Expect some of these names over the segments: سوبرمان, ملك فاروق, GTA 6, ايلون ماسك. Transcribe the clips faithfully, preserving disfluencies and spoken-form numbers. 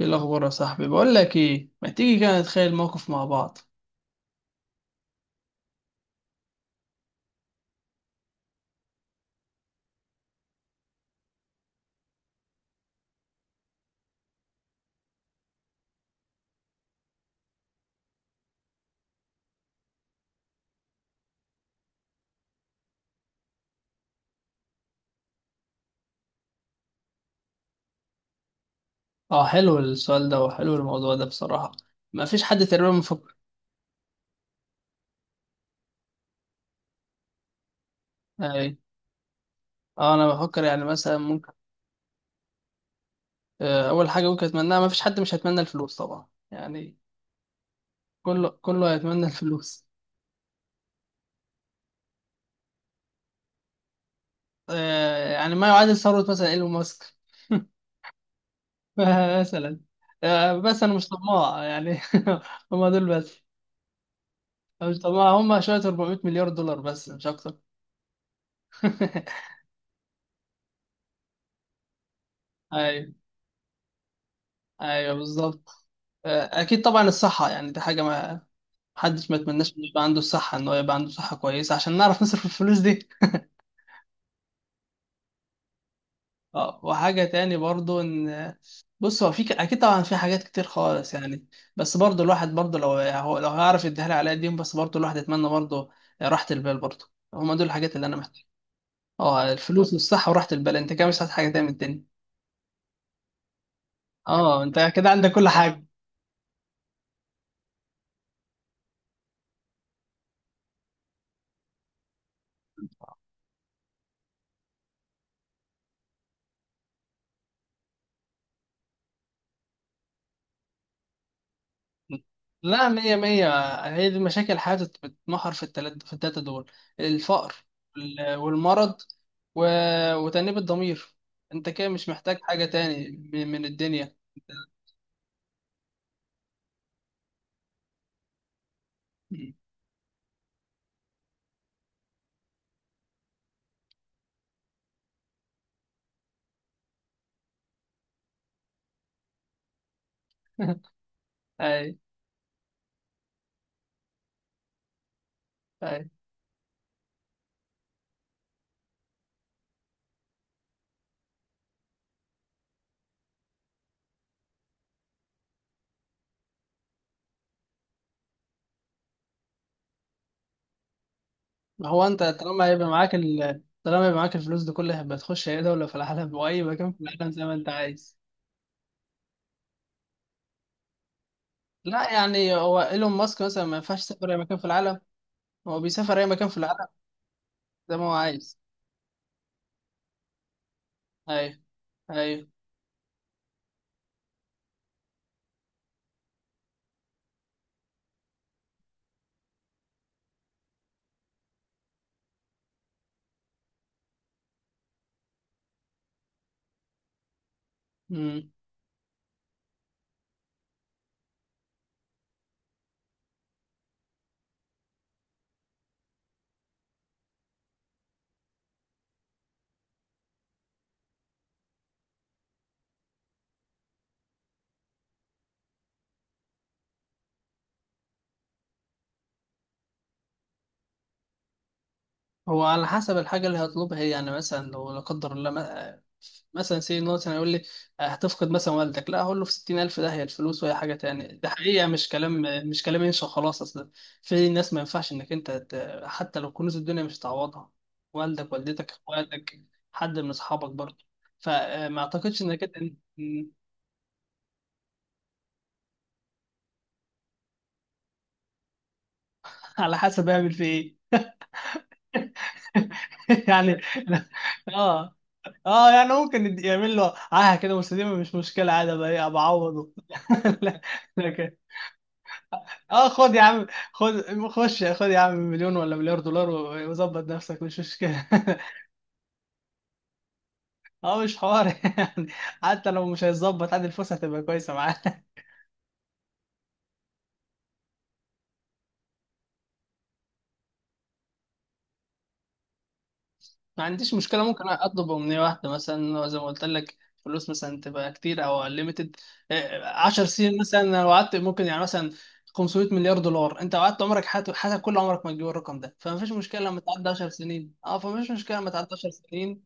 ايه الاخبار يا صاحبي؟ بقول لك ايه، ما تيجي كده نتخيل موقف مع بعض؟ اه، حلو السؤال ده وحلو الموضوع ده بصراحه. ما فيش حد تقريبا مفكر. اي. اه، انا بفكر يعني مثلا ممكن. آه، اول حاجه ممكن اتمناها، ما فيش حد مش هيتمنى الفلوس طبعا يعني. كله كله هيتمنى الفلوس. آه، يعني ما يعادل ثروه مثلا ايلون ماسك. مثلا. آه، بس انا مش طماع يعني. هم دول بس. أنا مش طماع، هم شويه أربعمية مليار دولار مليار دولار بس مش اكتر. ايوه، ايوه، بالظبط. آه، اكيد طبعا الصحه، يعني دي حاجه ما حدش ما يتمناش انه يبقى عنده الصحه، ان هو يبقى عنده صحه كويسه عشان نعرف نصرف الفلوس دي. اه، وحاجه تاني برضو ان بص، هو في ك- اكيد طبعا في حاجات كتير خالص يعني. بس برضو الواحد برضو لو هو لو هيعرف يديها لي على قديم، بس برضو الواحد يتمنى برضو راحه البال برضو. هما دول الحاجات اللي انا محتاجها. اه، الفلوس والصحه وراحه البال، انت كده مش عايز حاجه تاني من الدنيا. اه انت كده عندك كل حاجه. لا، مية مية. هي دي مشاكل حياتي، بتمحور في التلاتة، في التلاتة دول. الفقر وال- والمرض و... وتأنيب الضمير. انت كده مش محتاج حاجة تاني من من الدنيا. اي، اي. هو انت طالما هيبقى معاك ال... طالما هيبقى معاك الفلوس دي كلها، هيبقى تخش اي دولة في العالم واي مكان في العالم زي ما انت عايز. لا، يعني هو ايلون ماسك مثلا ما ينفعش يسافر اي مكان في العالم؟ هو بيسافر اي مكان في العالم زي ما هو عايز. اي، اي. هو على حسب الحاجة اللي هطلبها هي، يعني مثلا لو لا قدر الله م- مثلا سي إن هو مثلا يقول لي آه، هتفقد مثلا والدك، لا، هقول له في ستين الف ده هي الفلوس وهي حاجة تاني، ده حقيقة مش كلام. مش كلام ينشأ خلاص أصلا. في ناس ما ينفعش إنك أنت ت- حتى لو كنوز الدنيا مش هتعوضها، والدك، والدتك، إخواتك، حد من أصحابك برضه. فما أعتقدش إنك أنت. على حسب أعمل في إيه. يعني. اه اه يعني ممكن يد- يعمل له اه كده مستديمه، مش مشكله، عادي بقى، ايه بعوضه. لا- لكن اه، خد يا عم، خد خش خد يا عم مليون ولا مليار دولار و- وظبط نفسك مش مشكله. اه مش حوار يعني. حتى لو مش هيتظبط عادي، الفلوس هتبقى كويسه معاه. ما عنديش مشكلة، ممكن أطلب أمنية واحدة مثلا زي ما قلت لك. فلوس مثلا تبقى كتير أو ليميتد، 10 سنين مثلا لو قعدت، ممكن يعني مثلا خمسمائة مليار دولار مليار دولار. أنت قعدت عمرك، حياتك حياتك كل عمرك ما تجيب الرقم ده، فمفيش مشكلة لما تعدي 10 سنين، أه فمفيش مشكلة لما تعدي 10 سنين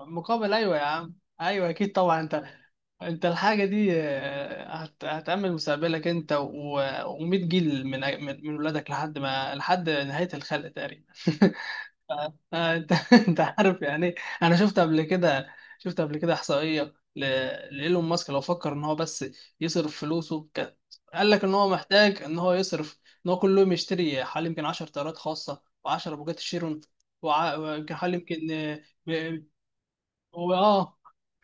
مقابل. أيوه يا عم. أيوه أكيد طبعا أنت، أنت الحاجة دي آه، هت- هتأمن مستقبلك أنت و100 جيل من من من ولادك لحد ما، لحد نهاية الخلق تقريبا. آه، انت انت عارف يعني ايه. انا شفت قبل كده، شفت قبل كده احصائيه ل- لايلون ماسك، لو فكر ان هو بس يصرف فلوسه ك- قال لك ان هو محتاج ان هو يصرف ان هو كل يوم يشتري حوالي يمكن 10 طيارات خاصه و10 بوجات شيرون وع- ويمكن حوالي يمكن. واه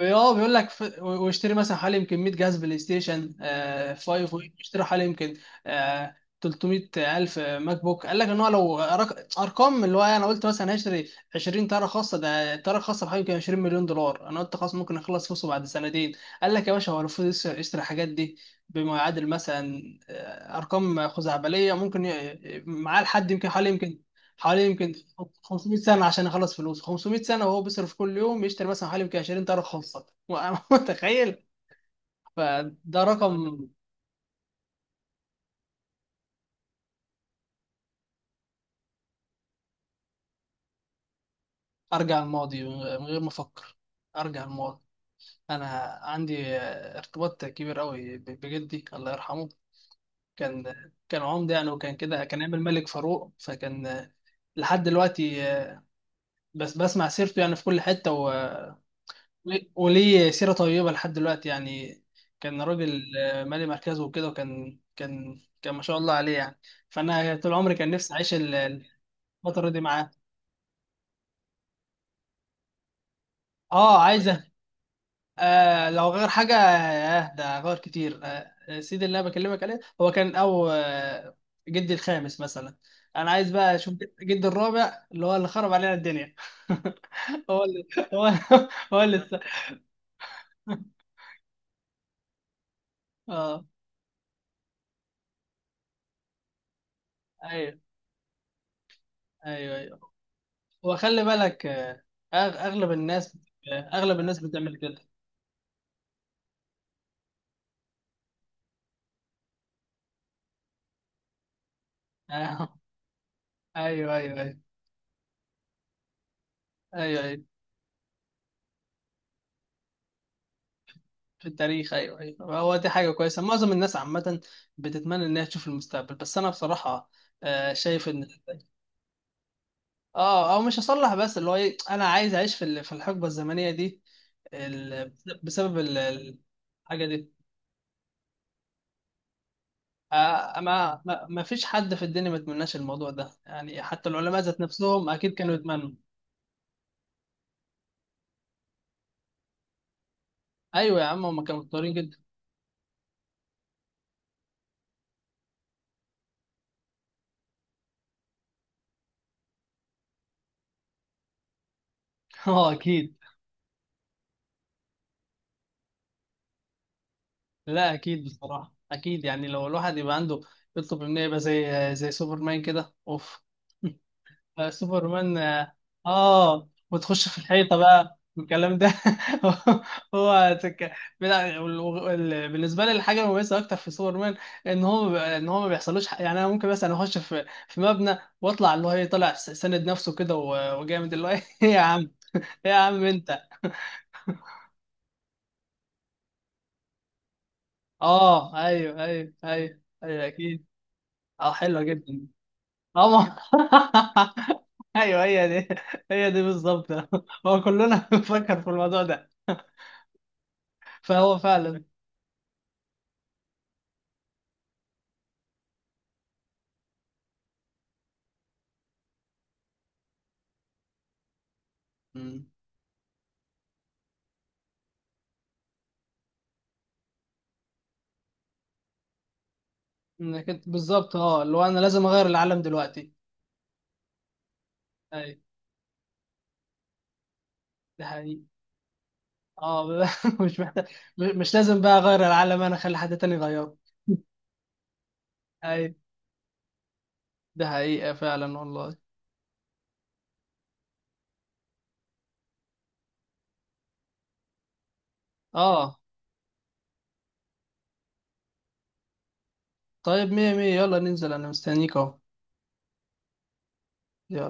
اه بيقول لك ف... واشتري مثلا حوالي يمكن 100 جهاز بلاي ستيشن آه خمسة، واشتري حوالي يمكن آه 300 الف ماك بوك. قال لك ان هو لو رق... ارقام، اللي هو إيه، انا قلت مثلا هشتري 20 تاره خاصه، ده تاره خاصه بحوالي يمكن عشرين مليون دولار مليون دولار، انا قلت خلاص ممكن اخلص فلوسه بعد سنتين. قال لك يا باشا هو المفروض يشتري يشتري الحاجات دي بما يعادل مثلا آه، ارقام خزعبليه ممكن ي... معاه لحد يمكن حوالي يمكن حوالي يمكن 500 سنة عشان يخلص فلوس 500 سنة، وهو بيصرف كل يوم يشتري مثلا حوالي يمكن 20 طرف خاصة، وأنا متخيل. فده رقم. أرجع الماضي من غير من غير ما أفكر. أرجع الماضي. أنا عندي آه، ارتباط كبير قوي ب- بجدي الله يرحمه. كان كان عمدة يعني، وكان كده كان عامل ملك فاروق، فكان آه، لحد دلوقتي، آه، بس بسمع سيرته يعني في كل حتة، و وليه وليه سيرة طيبة لحد دلوقتي يعني. كان راجل آه، مالي مركزه وكده، وكان كان كان ما شاء الله عليه يعني. فأنا طول عمري كان نفسي أعيش ال- الفترة دي معاه. اه، عايزة. آه، لو غير حاجة، آه ده غير كتير. آه، آه، سيدي اللي أنا بكلمك عليه هو كان أو آه جدي الخامس مثلا. أنا عايز بقى أشوف جدي الرابع، اللي هو اللي خرب علينا الدنيا. هو اللي هو اللي هو اللي. اه، ايوه ايوه أيوه. وخلي بالك، آه، أغ- اغلب الناس، آه، اغلب الناس بتعمل كده. آه، ايوه ايوه ايوه ايوه ايوه. في التاريخ، ايوه ايوه. هو دي حاجه كويسه. معظم الناس عامه بتتمنى انها تشوف المستقبل، بس انا بصراحه آه، شايف ان اه، او مش هصلح، بس اللي هو ايه، انا عايز اعيش في ال- في الحقبه الزمنيه دي، ال- بسبب ال- ال- الحاجه دي. آه، ما ما ما فيش حد في الدنيا ما يتمناش الموضوع ده يعني، حتى العلماء ذات نفسهم اكيد كانوا يتمنوا. ايوه يا عم، هم كانوا مضطرين جدا. اه اكيد. لا اكيد بصراحه، اكيد يعني، لو الواحد يبقى عنده يطلب منه يبقى زي زي سوبرمان كده، اوف. آه، سوبرمان اه آه. وتخش في الحيطه بقى الكلام ده. هو تك... بلا- وال- وال- بالنسبه لي الحاجه المميزه اكتر في سوبرمان، ان هو بيبقى- ان هو ما بيحصلوش حق. يعني انا ممكن مثلا اخش في في مبنى واطلع، اللي هو ايه، طالع س- ساند نفسه كده و- وجامد، اللي هو ايه. يا عم، إيه يا عم انت. اه ايوه ايوه ايوه ايوه اكيد. اه، حلوه جدا. اه ما- ايوه هي دي، هي دي بالظبط. هو كلنا بنفكر في الموضوع ده. فهو فعلا. مم. انك انت بالظبط اه، اللي هو انا لازم اغير العالم دلوقتي. اي. ده حقيقي. اه، مش محتاج. مش لازم بقى اغير العالم، انا اخلي حد تاني يغيره. اي. ده حقيقة فعلا والله. اه طيب، مية مية، يلا ننزل، انا مستنيك اهو. يلا